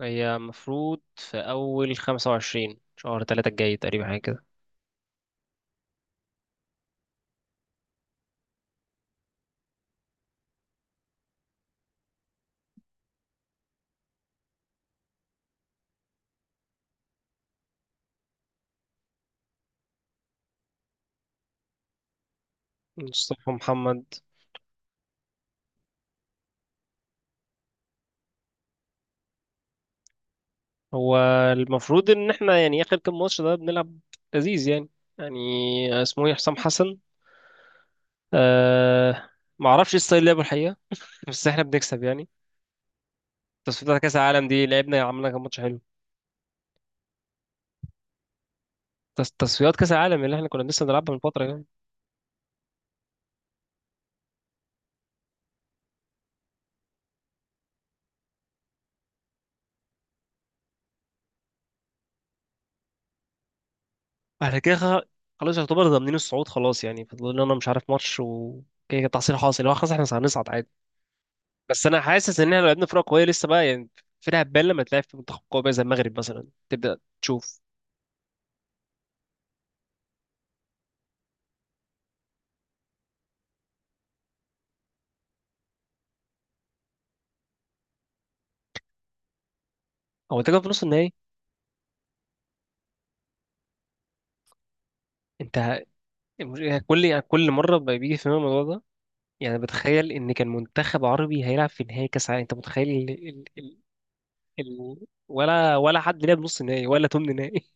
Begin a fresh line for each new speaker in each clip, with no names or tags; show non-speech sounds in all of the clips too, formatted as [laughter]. هي مفروض في أول 25 شهر 3 الجاي تقريبا حاجة كده. مصطفى محمد. هو المفروض إن احنا آخر كام ماتش ده بنلعب لذيذ يعني. اسمه ايه؟ حسام حسن. أه معرفش ايه ستايل لعبه الحقيقة، بس احنا بنكسب يعني. تصفيات كأس العالم دي لعبنا عملنا كام ماتش حلو. تصفيات كأس العالم اللي احنا كنا لسه بنلعبها من فترة يعني. على كده خلاص يعتبر ضامنين الصعود، خلاص يعني فاضل لنا مش عارف ماتش وكده. كده تحصيل حاصل، هو خلاص احنا هنصعد عادي. بس انا حاسس ان احنا لو لعبنا فرقه قويه لسه بقى يعني. فرقه هتبان لما تلعب في منتخب قوي بقى زي المغرب مثلا تبدا تشوف. هو تجي في نص النهائي. انت ه- كل مره بقى بيجي في دماغي الموضوع ده. يعني بتخيل ان كان منتخب عربي هيلعب في نهائي كاس عالم، انت متخيل ال... ولا حد لعب نص نهائي ولا تمن نهائي. [laughs]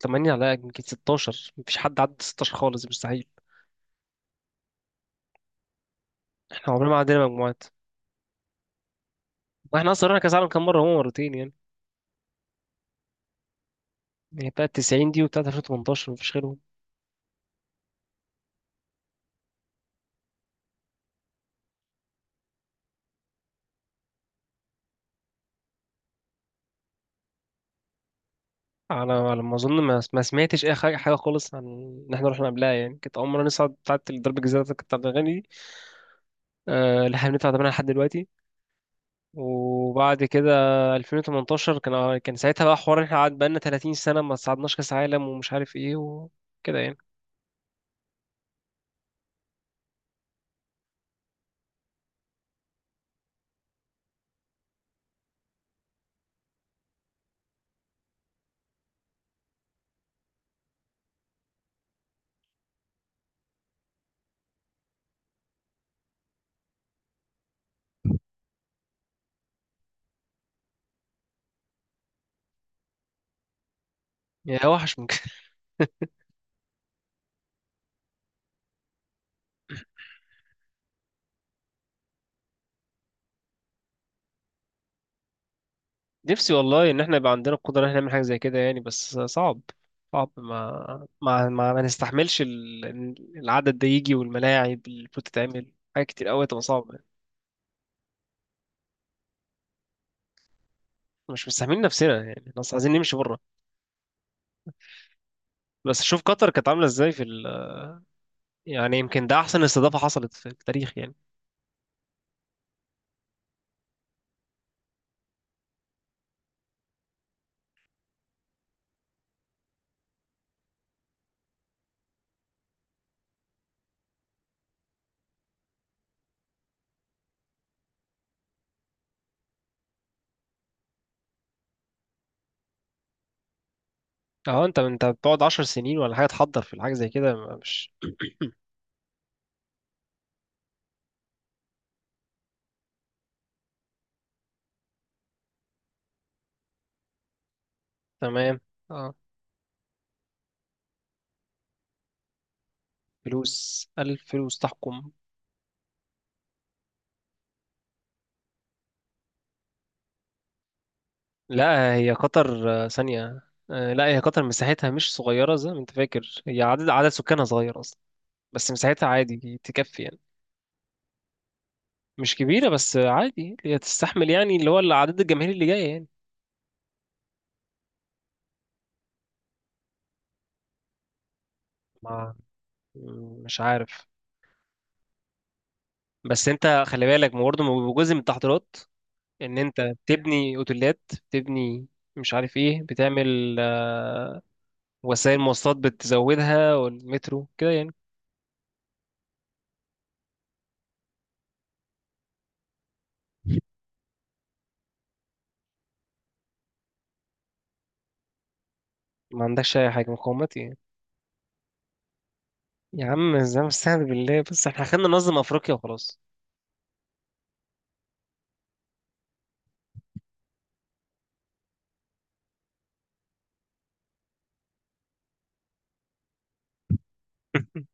8 على يمكن 16، مفيش حد عدى 16 خالص مستحيل. احنا عمرنا ما عدينا مجموعات. واحنا اصلا رحنا كاس عالم كام مره؟ هو مرتين يعني. يعني بتاع 90 دي وبتاع 2018، مفيش غيرهم. على ما اظن ما سمعتش اي حاجه خالص عن ان احنا رحنا قبلها. يعني كانت اول مره نصعد بتاعت الضرب، الجزيره بتاعت الاغاني دي، اللي احنا بندفع ثمنها لحد دلوقتي. وبعد كده 2018، كان ساعتها بقى حوار إن احنا قعد بقالنا 30 سنه ما صعدناش كاس عالم ومش عارف ايه وكده يعني. يا وحش ممكن. [laughs] نفسي والله ان احنا يبقى عندنا القدره ان احنا نعمل حاجه زي كده يعني، بس صعب. صعب، ما نستحملش العدد ده يجي، والملاعب اللي بتتعمل حاجات كتير قوي تبقى صعبه. مش مستحملين نفسنا يعني، خلاص عايزين نمشي بره. بس شوف قطر كانت عامله ازاي في. يعني يمكن ده احسن استضافه حصلت في التاريخ يعني. اه، انت بتقعد 10 سنين ولا حاجه تحضر في الحاجه زي كده مش. تمام. اه، فلوس، الف فلوس تحكم. لا، هي قطر ثانيه. لا هي قطر مساحتها مش صغيره زي ما انت فاكر، هي عدد سكانها صغير اصلا. بس مساحتها عادي تكفي يعني. مش كبيره بس عادي، هي تستحمل يعني اللي هو العدد الجماهيري اللي جاي يعني. ما، مش عارف. بس انت خلي بالك برضه جزء من التحضيرات ان انت بتبني اوتيلات، بتبني مش عارف ايه بتعمل وسائل مواصلات بتزودها والمترو كده يعني. ما عندكش اي حاجه مقاومات يعني. يا عم زي ما استهان بالله، بس احنا خلينا ننظم افريقيا وخلاص. [laughs]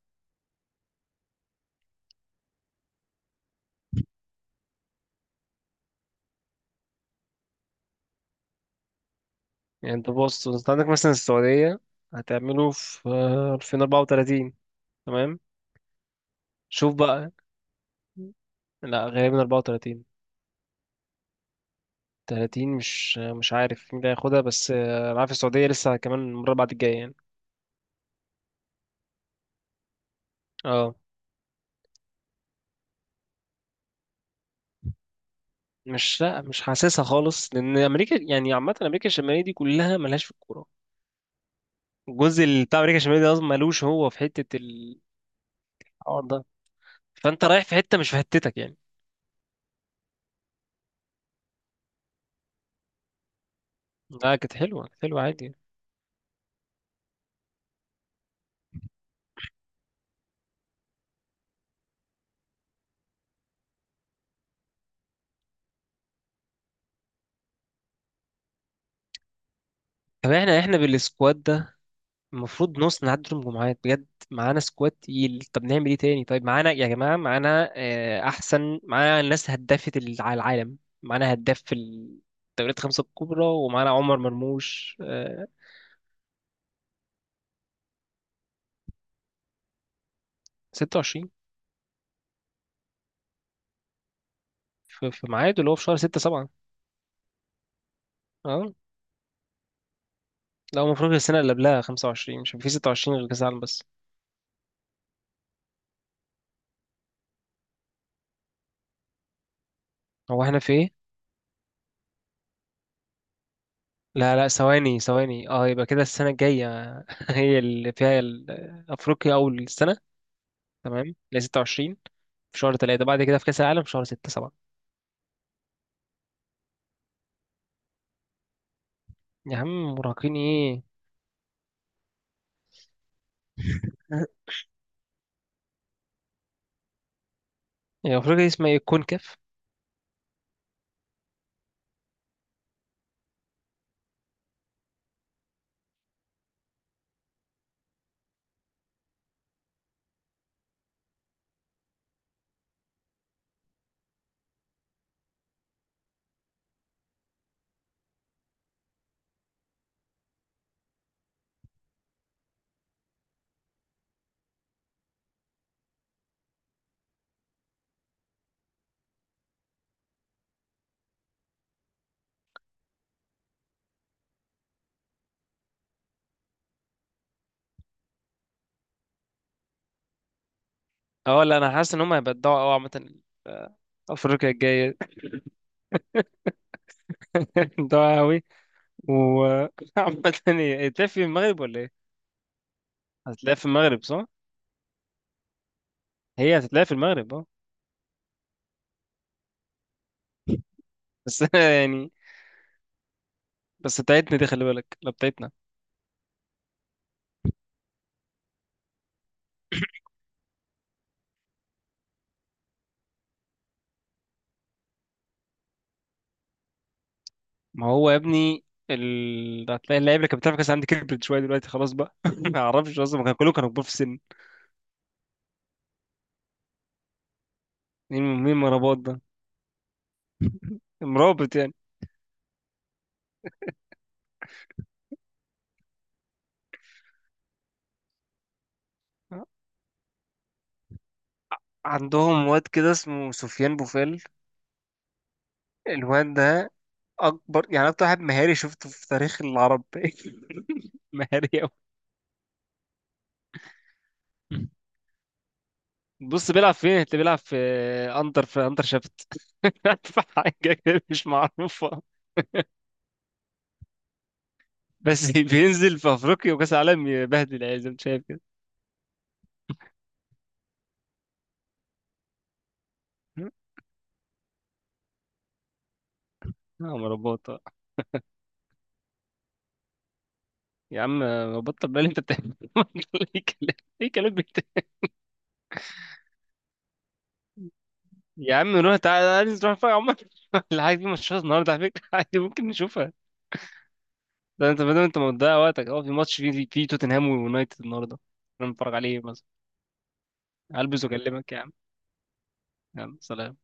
يعني انت بص، انت عندك مثلا السعوديه، هتعمله في 2034. تمام. شوف بقى، لا غالبا 34. 30 مش عارف مين اللي هياخدها، بس انا عارف السعوديه لسه كمان المره بعد الجايه يعني. اه مش، لا مش حاسسها خالص، لان امريكا يعني عامه امريكا الشماليه دي كلها ملهاش في الكوره. الجزء اللي بتاع امريكا الشماليه ده اصلا ملوش هو في حته الحوار ده. فانت رايح في حته مش في حتتك يعني. لا كانت حلوه، كانت حلوه عادي يعني. طب احنا بالسكواد ده المفروض نص نعدي دور المجموعات بجد. معانا سكواد تقيل، طب نعمل ايه تاني؟ طيب معانا يا جماعه، معانا احسن. معانا الناس هدافه على العالم. معانا هداف في الدوريات الخمسه الكبرى، ومعانا عمر مرموش 26 في ميعاده اللي هو في شهر 6. اه لا، هو المفروض السنة اللي قبلها 25، مش هيبقى في 26 غير كأس العالم بس. هو احنا في ايه؟ لا لا، ثواني ثواني، اه يبقى كده السنة الجاية [laughs] هي اللي فيها أفريقيا، أول السنة. تمام، اللي هي 26. في شهر 3، بعد كده في كأس العالم في شهر 6 7. يا عم مراهقين ايه؟ [laughs] هي أفريقيا دي اسمها ايه؟ كونكاف؟ اه لا، أنا حاسس إن هم هيبقى الدعوة أوي عامة. أفريقيا الجاية. [laughs] الدعوة أوي. وعامة، [laughs] هتلاقي في المغرب ولا ايه؟ هتلاقي في المغرب صح؟ هي هتتلاقي في المغرب اه. بس [laughs] يعني، بس بتاعتنا دي خلي بالك، لا بتاعتنا. ما هو يا ابني هتلاقي اللعيبه اللي كانت بتلعب في كاس العالم دي كبرت شويه دلوقتي خلاص بقى. [laughs] ما اعرفش اصلا، كانوا كلهم كانوا كبار في السن. مين مرابط ده؟ مرابط يعني. عندهم واد كده اسمه سفيان بوفال. الواد ده اكبر يعني اكتر واحد مهاري شفته في تاريخ العرب. [laughs] مهاري قوي. بص بيلعب فين؟ اللي بيلعب في اندر، في اندر شافت. [laughs] في حاجه كده مش معروفه، بس بينزل في افريقيا وكاس العالم يبهدل يعني زي ما انت شايف. كده اه مربوطة. يا عم بطل بقى اللي انت بتعمله. [laughs] ايه كلام، ايه كلام يا عم نروح. تعالى، عايز نروح فين يا عمر؟ [laughs] الحاجة دي ماتشات النهاردة على فكرة، [laughs] عادي ممكن نشوفها. ده انت بدل انت مضيع وقتك اه في ماتش في توتنهام ويونايتد النهاردة، انا متفرج عليه مثلا. هلبس واكلمك يا عم. يلا سلام.